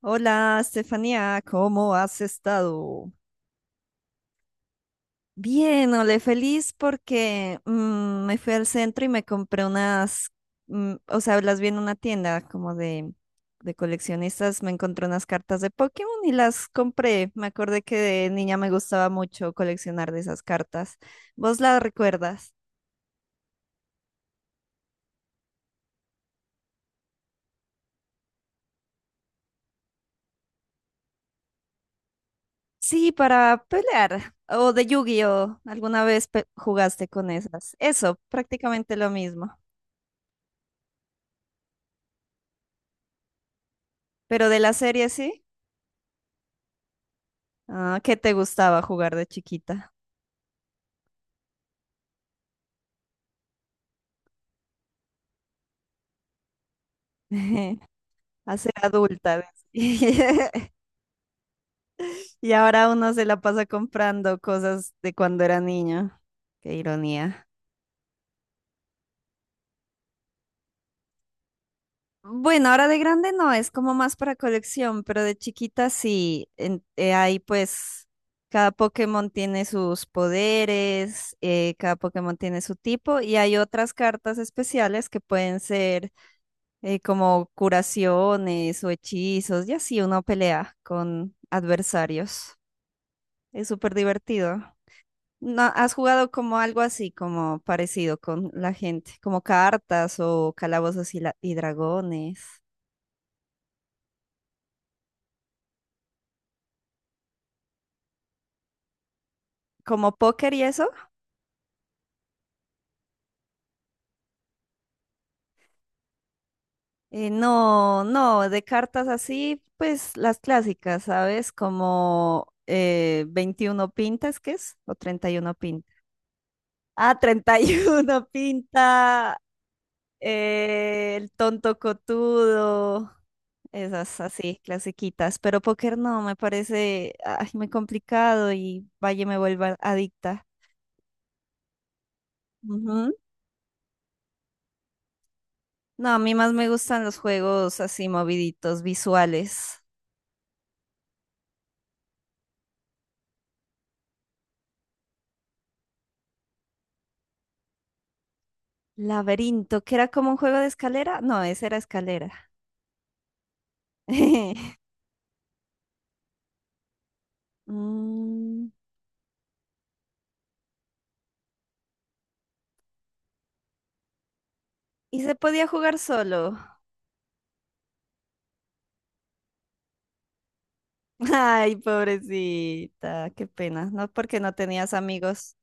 Hola, Estefanía, ¿cómo has estado? Bien, ole, feliz porque me fui al centro y me compré unas, o sea, las vi en una tienda como de coleccionistas, me encontré unas cartas de Pokémon y las compré. Me acordé que de niña me gustaba mucho coleccionar de esas cartas. ¿Vos las recuerdas? Sí, para pelear. ¿O de Yu-Gi-Oh! Alguna vez jugaste con esas? Eso, prácticamente lo mismo. Pero de la serie, sí. Ah, ¿qué te gustaba jugar de chiquita? A ser adulta, ves. Y ahora uno se la pasa comprando cosas de cuando era niño. Qué ironía. Bueno, ahora de grande no, es como más para colección, pero de chiquita sí. Ahí pues cada Pokémon tiene sus poderes, cada Pokémon tiene su tipo y hay otras cartas especiales que pueden ser como curaciones o hechizos, y así uno pelea con adversarios. Es súper divertido. ¿No has jugado como algo así, como parecido con la gente, como cartas o calabozos y, y dragones, como póker y eso? No, no, de cartas así, pues las clásicas, ¿sabes? Como 21 pintas, ¿qué es? O 31 pintas. Ah, 31 pinta. El tonto cotudo, esas así, clasiquitas. Pero póker no, me parece ay, muy complicado y vaya me vuelva adicta. Ujú. No, a mí más me gustan los juegos así moviditos, visuales. Laberinto, que era como un juego de escalera. No, ese era escalera. Mm, y se podía jugar solo. Ay, pobrecita, qué pena, ¿no? Porque no tenías amigos.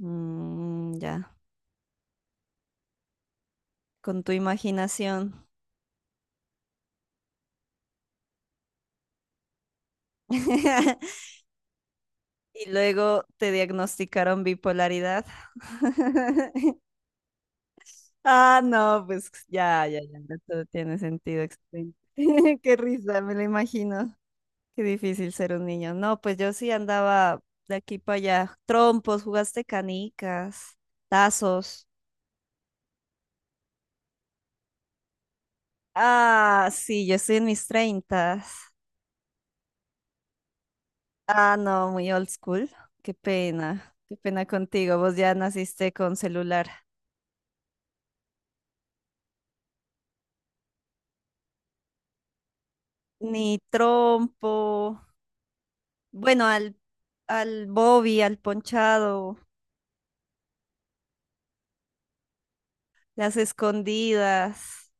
Mm, ya. Con tu imaginación. Y luego te diagnosticaron bipolaridad. Ah, no, pues ya, ya, ya, no, todo tiene sentido. Excelente. Qué risa, me lo imagino. Qué difícil ser un niño. No, pues yo sí andaba de aquí para allá. Trompos, jugaste canicas, tazos. Ah, sí, yo estoy en mis treintas. Ah, no, muy old school. Qué pena contigo. Vos ya naciste con celular. Ni trompo, bueno, al, al Bobby, al ponchado, las escondidas,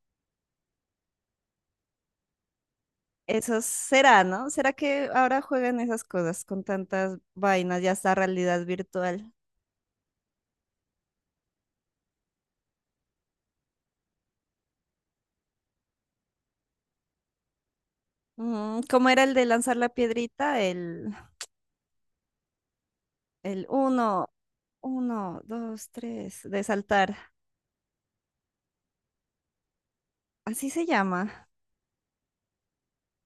eso será, ¿no? ¿Será que ahora juegan esas cosas con tantas vainas, ya está realidad virtual? Mm, ¿cómo era el de lanzar la piedrita? El uno, uno, dos, tres, de saltar, así se llama.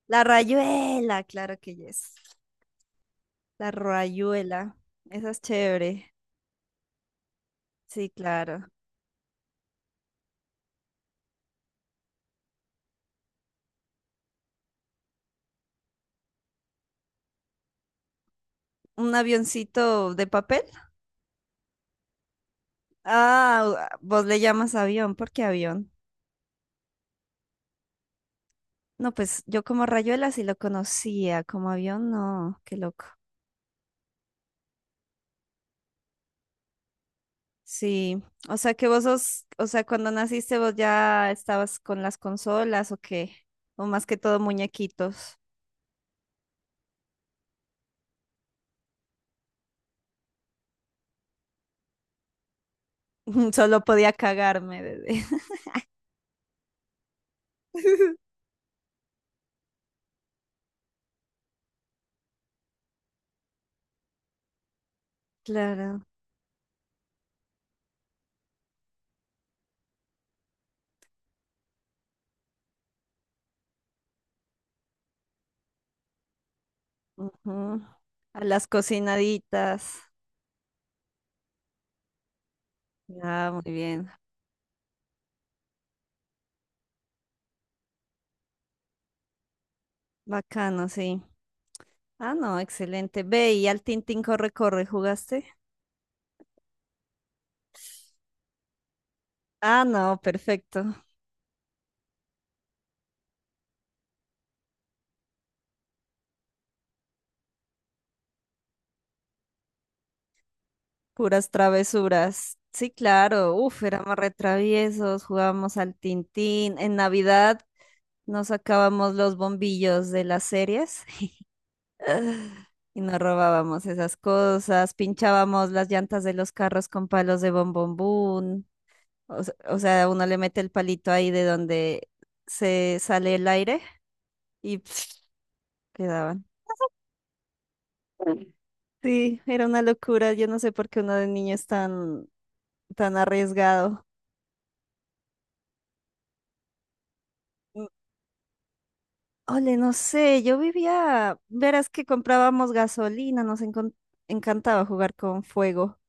La rayuela, claro que es. La rayuela, esa es chévere, sí, claro. Un avioncito de papel. Ah, vos le llamas avión, ¿por qué avión? No, pues yo como Rayuela sí lo conocía, como avión no, qué loco. Sí, o sea que vos sos, o sea, cuando naciste vos ya estabas con las consolas o qué, o más que todo muñequitos. Solo podía cagarme desde. Claro. Ujú. A las cocinaditas. Ah, muy bien. Bacano, sí. Ah, no, excelente. Ve y al Tintín corre, corre, ¿jugaste? Ah, no, perfecto. Puras travesuras. Sí, claro. Uf, éramos retraviesos, jugábamos al Tintín. En Navidad nos sacábamos los bombillos de las series ah, y nos robábamos esas cosas. Pinchábamos las llantas de los carros con palos de bombombún. O sea, uno le mete el palito ahí de donde se sale el aire y quedaban. Sí, era una locura. Yo no sé por qué uno de niño es tan arriesgado. Mm, ole, no sé, yo vivía, verás que comprábamos gasolina, encantaba jugar con fuego.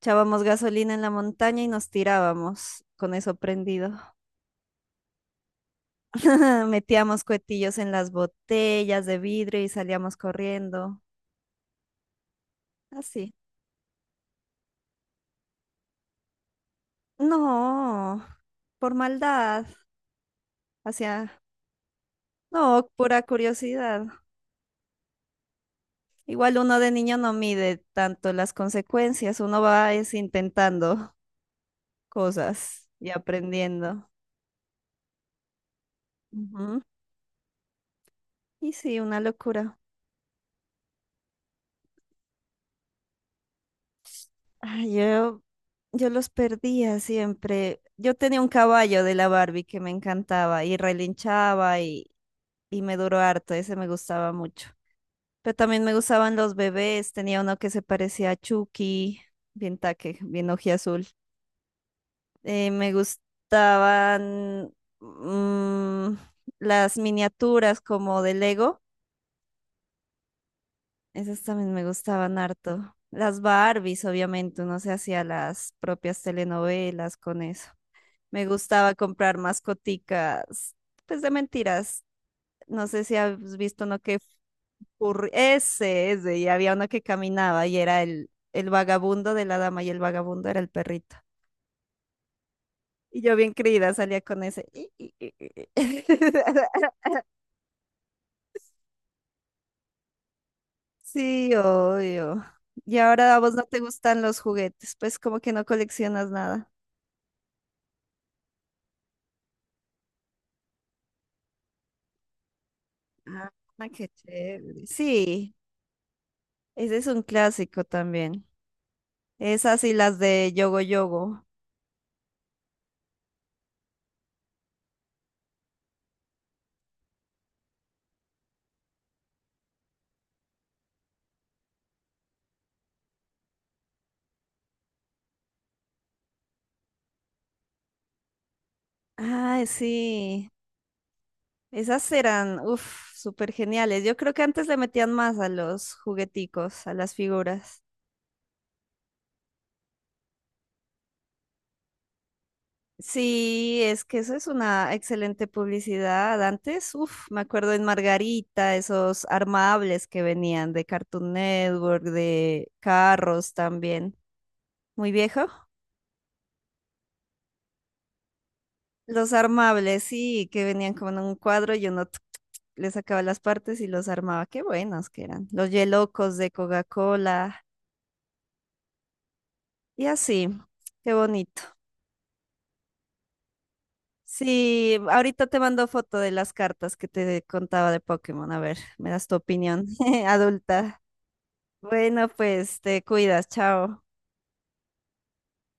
Echábamos gasolina en la montaña y nos tirábamos con eso prendido. Metíamos cuetillos en las botellas de vidrio y salíamos corriendo. Así. No, por maldad, hacia, no, pura curiosidad. Igual uno de niño no mide tanto las consecuencias, uno va es intentando cosas y aprendiendo. Ujú. Y sí, una locura. Ay, yo los perdía siempre. Yo tenía un caballo de la Barbie que me encantaba y relinchaba y me duró harto, ese me gustaba mucho. Pero también me gustaban los bebés, tenía uno que se parecía a Chucky, bien taque, bien ojiazul. Me gustaban mm, las miniaturas como de Lego. Esas también me gustaban harto. Las Barbies, obviamente, uno se hacía las propias telenovelas con eso. Me gustaba comprar mascoticas, pues de mentiras. No sé si has visto uno que... Ese, ese, y había uno que caminaba y era el vagabundo de la dama, y el vagabundo era el perrito. Y yo bien creída salía con ese. "I, i, i, i, i". Sí, obvio. Y ahora a vos no te gustan los juguetes, pues como que no coleccionas nada. Ah, qué chévere. Sí, ese es un clásico también. Esas y las de Yogo Yogo. Ay, sí. Esas eran, uff, súper geniales. Yo creo que antes le metían más a los jugueticos, a las figuras. Sí, es que eso es una excelente publicidad. Antes, uff, me acuerdo en Margarita, esos armables que venían de Cartoon Network, de carros también. Muy viejo. Los armables, sí, que venían como en un cuadro y uno tuc, tuc, tuc, le sacaba las partes y los armaba. Qué buenos que eran. Los yelocos de Coca-Cola y así. Qué bonito. Sí, ahorita te mando foto de las cartas que te contaba de Pokémon. A ver, me das tu opinión adulta. Bueno, pues te cuidas, chao.